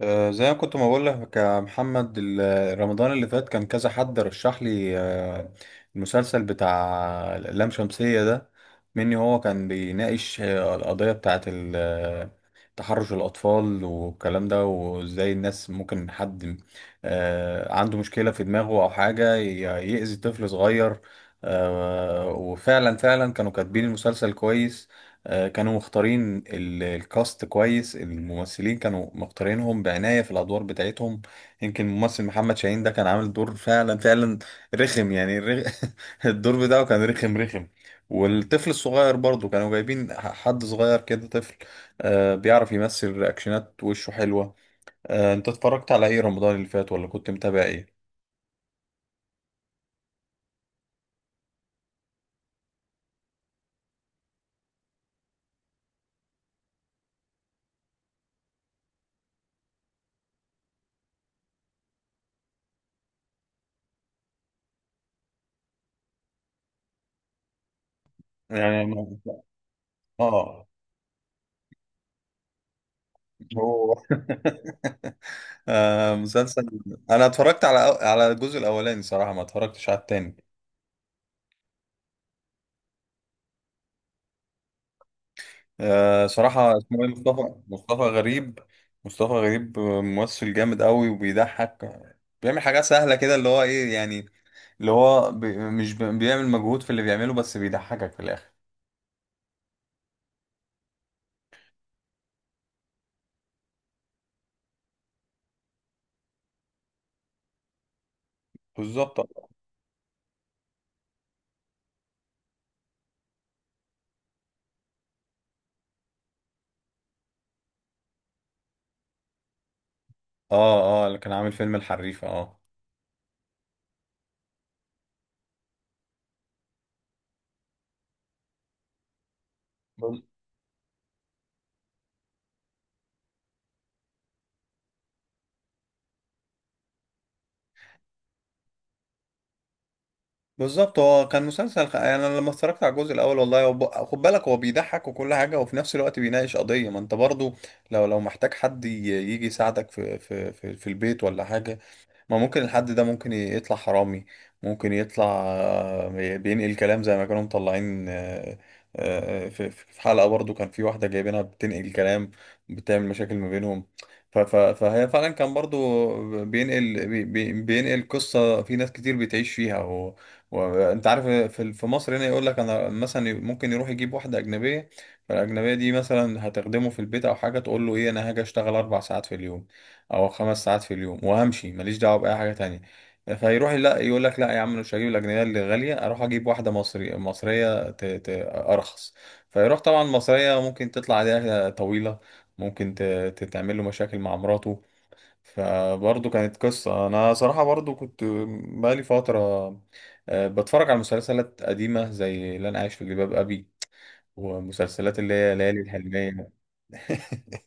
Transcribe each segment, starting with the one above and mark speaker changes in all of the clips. Speaker 1: زي ما كنت ما بقول لك يا محمد، رمضان اللي فات كان كذا حد رشح لي المسلسل بتاع اللام شمسية ده مني. هو كان بيناقش القضية بتاعة تحرش الأطفال والكلام ده، وإزاي الناس ممكن حد عنده مشكلة في دماغه أو حاجة يأذي طفل صغير. وفعلا فعلا كانوا كاتبين المسلسل كويس. كانوا مختارين الكاست كويس، الممثلين كانوا مختارينهم بعناية في الأدوار بتاعتهم. يمكن الممثل محمد شاهين ده كان عامل دور فعلا فعلا رخم. يعني الدور بتاعه كان رخم رخم. والطفل الصغير برضه كانوا جايبين حد صغير كده، طفل بيعرف يمثل، رياكشنات وشه حلوة. انت اتفرجت على ايه رمضان اللي فات، ولا كنت متابع ايه؟ يعني اه، هو. مسلسل. انا اتفرجت على الجزء الاولاني، صراحه ما اتفرجتش على التاني. صراحه اسمه ايه؟ مصطفى غريب. مصطفى غريب ممثل جامد قوي وبيضحك، بيعمل حاجات سهله كده، اللي هو ايه يعني، اللي هو مش بيعمل مجهود في اللي بيعمله، بس بيضحكك في الاخر. بالظبط، اه. اه، اللي كان عامل فيلم الحريفه، اه. بالظبط، هو كان مسلسل يعني انا لما اتفرجت على الجزء الاول، والله هو خد بالك، هو بيضحك وكل حاجه، وفي نفس الوقت بيناقش قضيه، ما انت برضو لو محتاج حد يجي يساعدك في البيت ولا حاجه، ما ممكن الحد ده ممكن يطلع حرامي، ممكن يطلع بينقل كلام زي ما كانوا مطلعين. في حلقة برضو كان في واحدة جايبينها بتنقل كلام، بتعمل مشاكل ما بينهم. فهي فعلا كان برضو بينقل بينقل قصة في ناس كتير بتعيش فيها، وانت عارف في مصر هنا، يقول لك انا مثلا ممكن يروح يجيب واحدة أجنبية، فالأجنبية دي مثلا هتخدمه في البيت أو حاجة، تقول له إيه، أنا هاجي أشتغل أربع ساعات في اليوم او خمس ساعات في اليوم، وامشي ماليش دعوه باي حاجه تانية. فيروح لا يقول لك لا يا عم، أنا مش هجيب الاجنبيه اللي غاليه، اروح اجيب واحده مصري، مصريه ارخص. فيروح طبعا مصريه ممكن تطلع عليها طويله، ممكن تتعمل له مشاكل مع مراته. فبرضه كانت قصه. انا صراحه برضه كنت بقالي فتره بتفرج على مسلسلات قديمه، زي اللي انا عايش في جلباب ابي، ومسلسلات اللي هي ليالي الحلميه.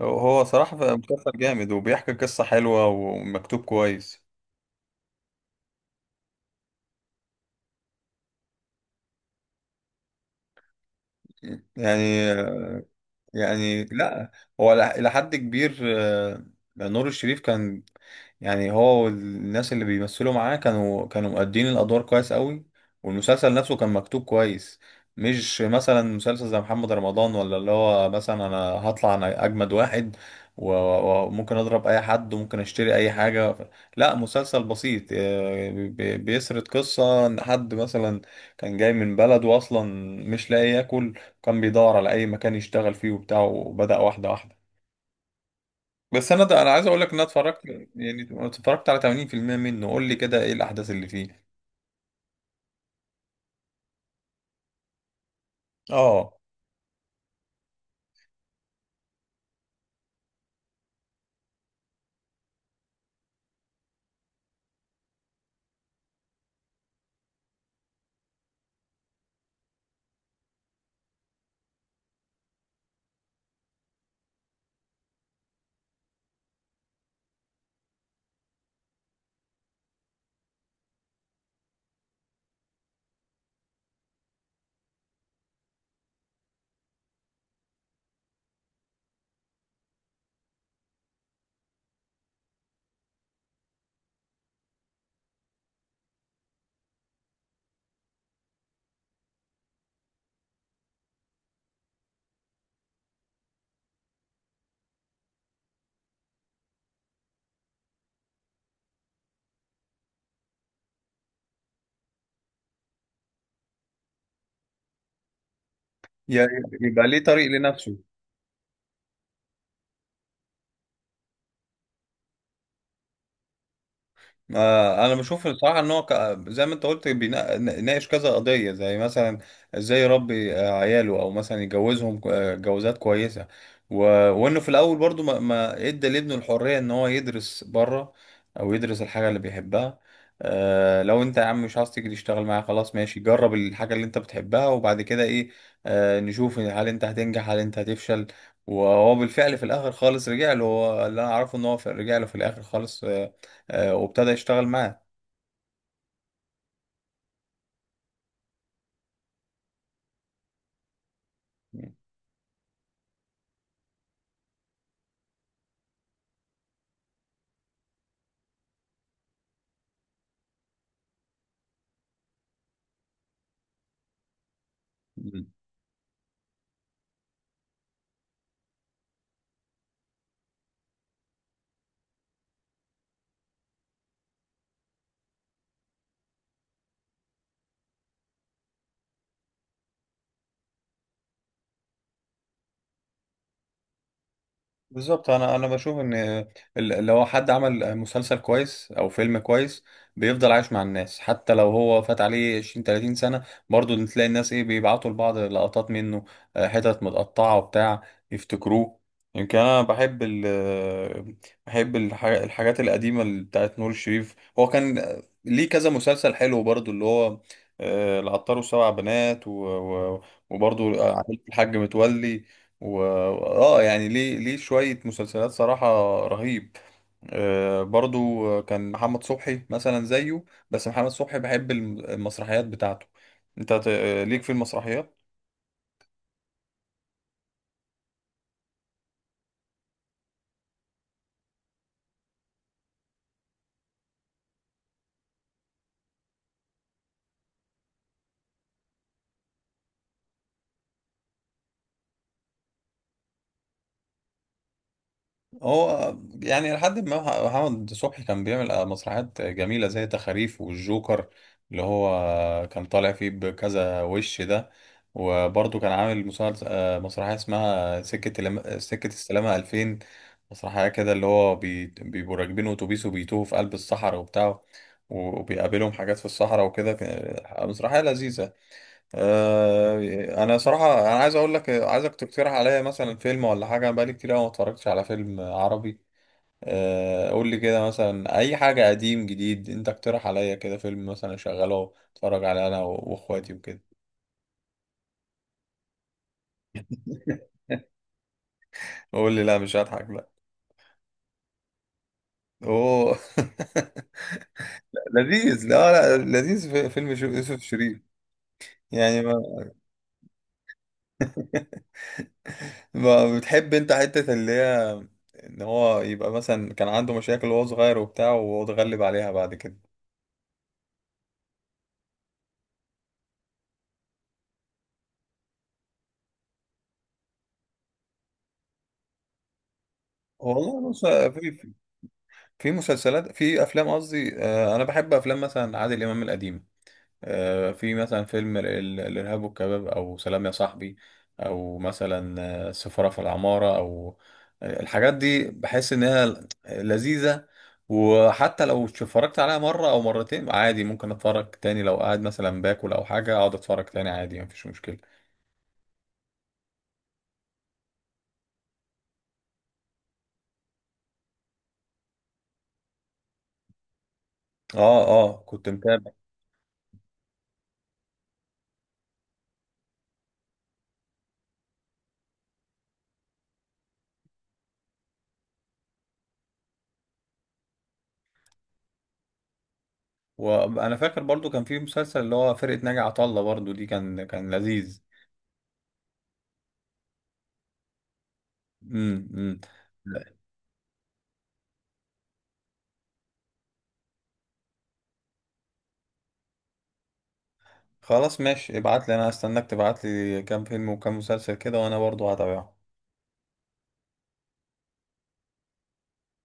Speaker 1: هو صراحة مسلسل جامد، وبيحكي قصة حلوة ومكتوب كويس. يعني. لا. هو إلى حد كبير، نور الشريف كان، يعني هو والناس اللي بيمثلوا معاه كانوا مؤدين الأدوار كويس قوي، والمسلسل نفسه كان مكتوب كويس. مش مثلا مسلسل زي محمد رمضان، ولا اللي هو مثلا أنا هطلع أنا أجمد واحد، وممكن أضرب أي حد، وممكن أشتري أي حاجة. لا، مسلسل بسيط بيسرد قصة إن حد مثلا كان جاي من بلده أصلا، مش لاقي ياكل. كان بيدور على اي مكان يشتغل فيه وبتاع، وبدأ واحده واحده. بس انا ده انا عايز اقول لك ان انا اتفرجت، يعني اتفرجت على 80% منه، قول لي كده ايه الاحداث اللي فيه. اه. يا- يبقى ليه طريق لنفسه. انا بشوف الصراحه، ان هو زي ما انت قلت بيناقش كذا قضيه، زي مثلا ازاي يربي عياله، او مثلا يجوزهم جوازات كويسه. و... وانه في الاول برضو ما ادى لابنه الحريه ان هو يدرس بره، او يدرس الحاجه اللي بيحبها. لو انت يا عم مش عايز تيجي تشتغل معايا، خلاص ماشي، جرب الحاجه اللي انت بتحبها، وبعد كده ايه؟ نشوف هل انت هتنجح هل انت هتفشل. وهو بالفعل في الاخر خالص رجع له، هو اللي انا اعرفه ان هو رجع له في الاخر خالص. وابتدى يشتغل معاه. مم. بالظبط. انا بشوف ان لو حد عمل مسلسل كويس او فيلم كويس، بيفضل عايش مع الناس، حتى لو هو فات عليه 20 30 سنه، برضو تلاقي الناس ايه، بيبعتوا لبعض لقطات منه حتت متقطعه وبتاع، يفتكروه. يمكن انا بحب الحاجات القديمه، اللي بتاعت نور الشريف. هو كان ليه كذا مسلسل حلو برضو، اللي هو العطار وسبع بنات، وبرضو اه عائلة الحاج متولي، و اه يعني ليه شوية مسلسلات صراحة رهيب. برضو كان محمد صبحي مثلا زيه، بس محمد صبحي بحب المسرحيات بتاعته. انت ليك في المسرحيات؟ هو يعني لحد ما محمد صبحي كان بيعمل مسرحيات جميلة زي تخاريف والجوكر، اللي هو كان طالع فيه بكذا وش ده. وبرضه كان عامل مسلسل، مسرحية اسمها سكة السلامة 2000، مسرحية كده اللي هو بيبقوا راكبين أتوبيس وبيتوهوا في قلب الصحراء وبتاع، وبيقابلهم حاجات في الصحراء وكده، مسرحية لذيذة. انا صراحه انا عايز اقول لك، عايزك تقترح عليا مثلا فيلم ولا حاجه، انا بقالي كتير أوي ما اتفرجتش على فيلم عربي. قول لي كده مثلا اي حاجه قديم جديد، انت اقترح عليا كده فيلم مثلا اشغله اتفرج عليه انا واخواتي وكده. قول لي، لا مش هضحك، لا. اوه. لذيذ، لا لا، لذيذ. في فيلم يوسف شيرين يعني. ما, ما بتحب انت حته اللي هي ان هو يبقى مثلا كان عنده مشاكل وهو صغير وبتاع، وهو اتغلب عليها بعد كده. والله بص، في في مسلسلات، في افلام قصدي، انا بحب افلام مثلا عادل امام القديم. في مثلا فيلم الارهاب والكباب، او سلام يا صاحبي، او مثلا سفارة في العمارة، او الحاجات دي بحس انها لذيذة. وحتى لو اتفرجت عليها مرة او مرتين عادي، ممكن اتفرج تاني، لو قاعد مثلا باكل او حاجة اقعد اتفرج تاني عادي، مفيش مشكلة. اه اه، كنت متابع. وانا فاكر برضو كان في مسلسل اللي هو فرقة ناجي عطا الله، برضو دي كان لذيذ. امم. خلاص ماشي، ابعت لي، انا هستناك تبعت لي كام فيلم وكام مسلسل كده، وانا برضو هتابعهم.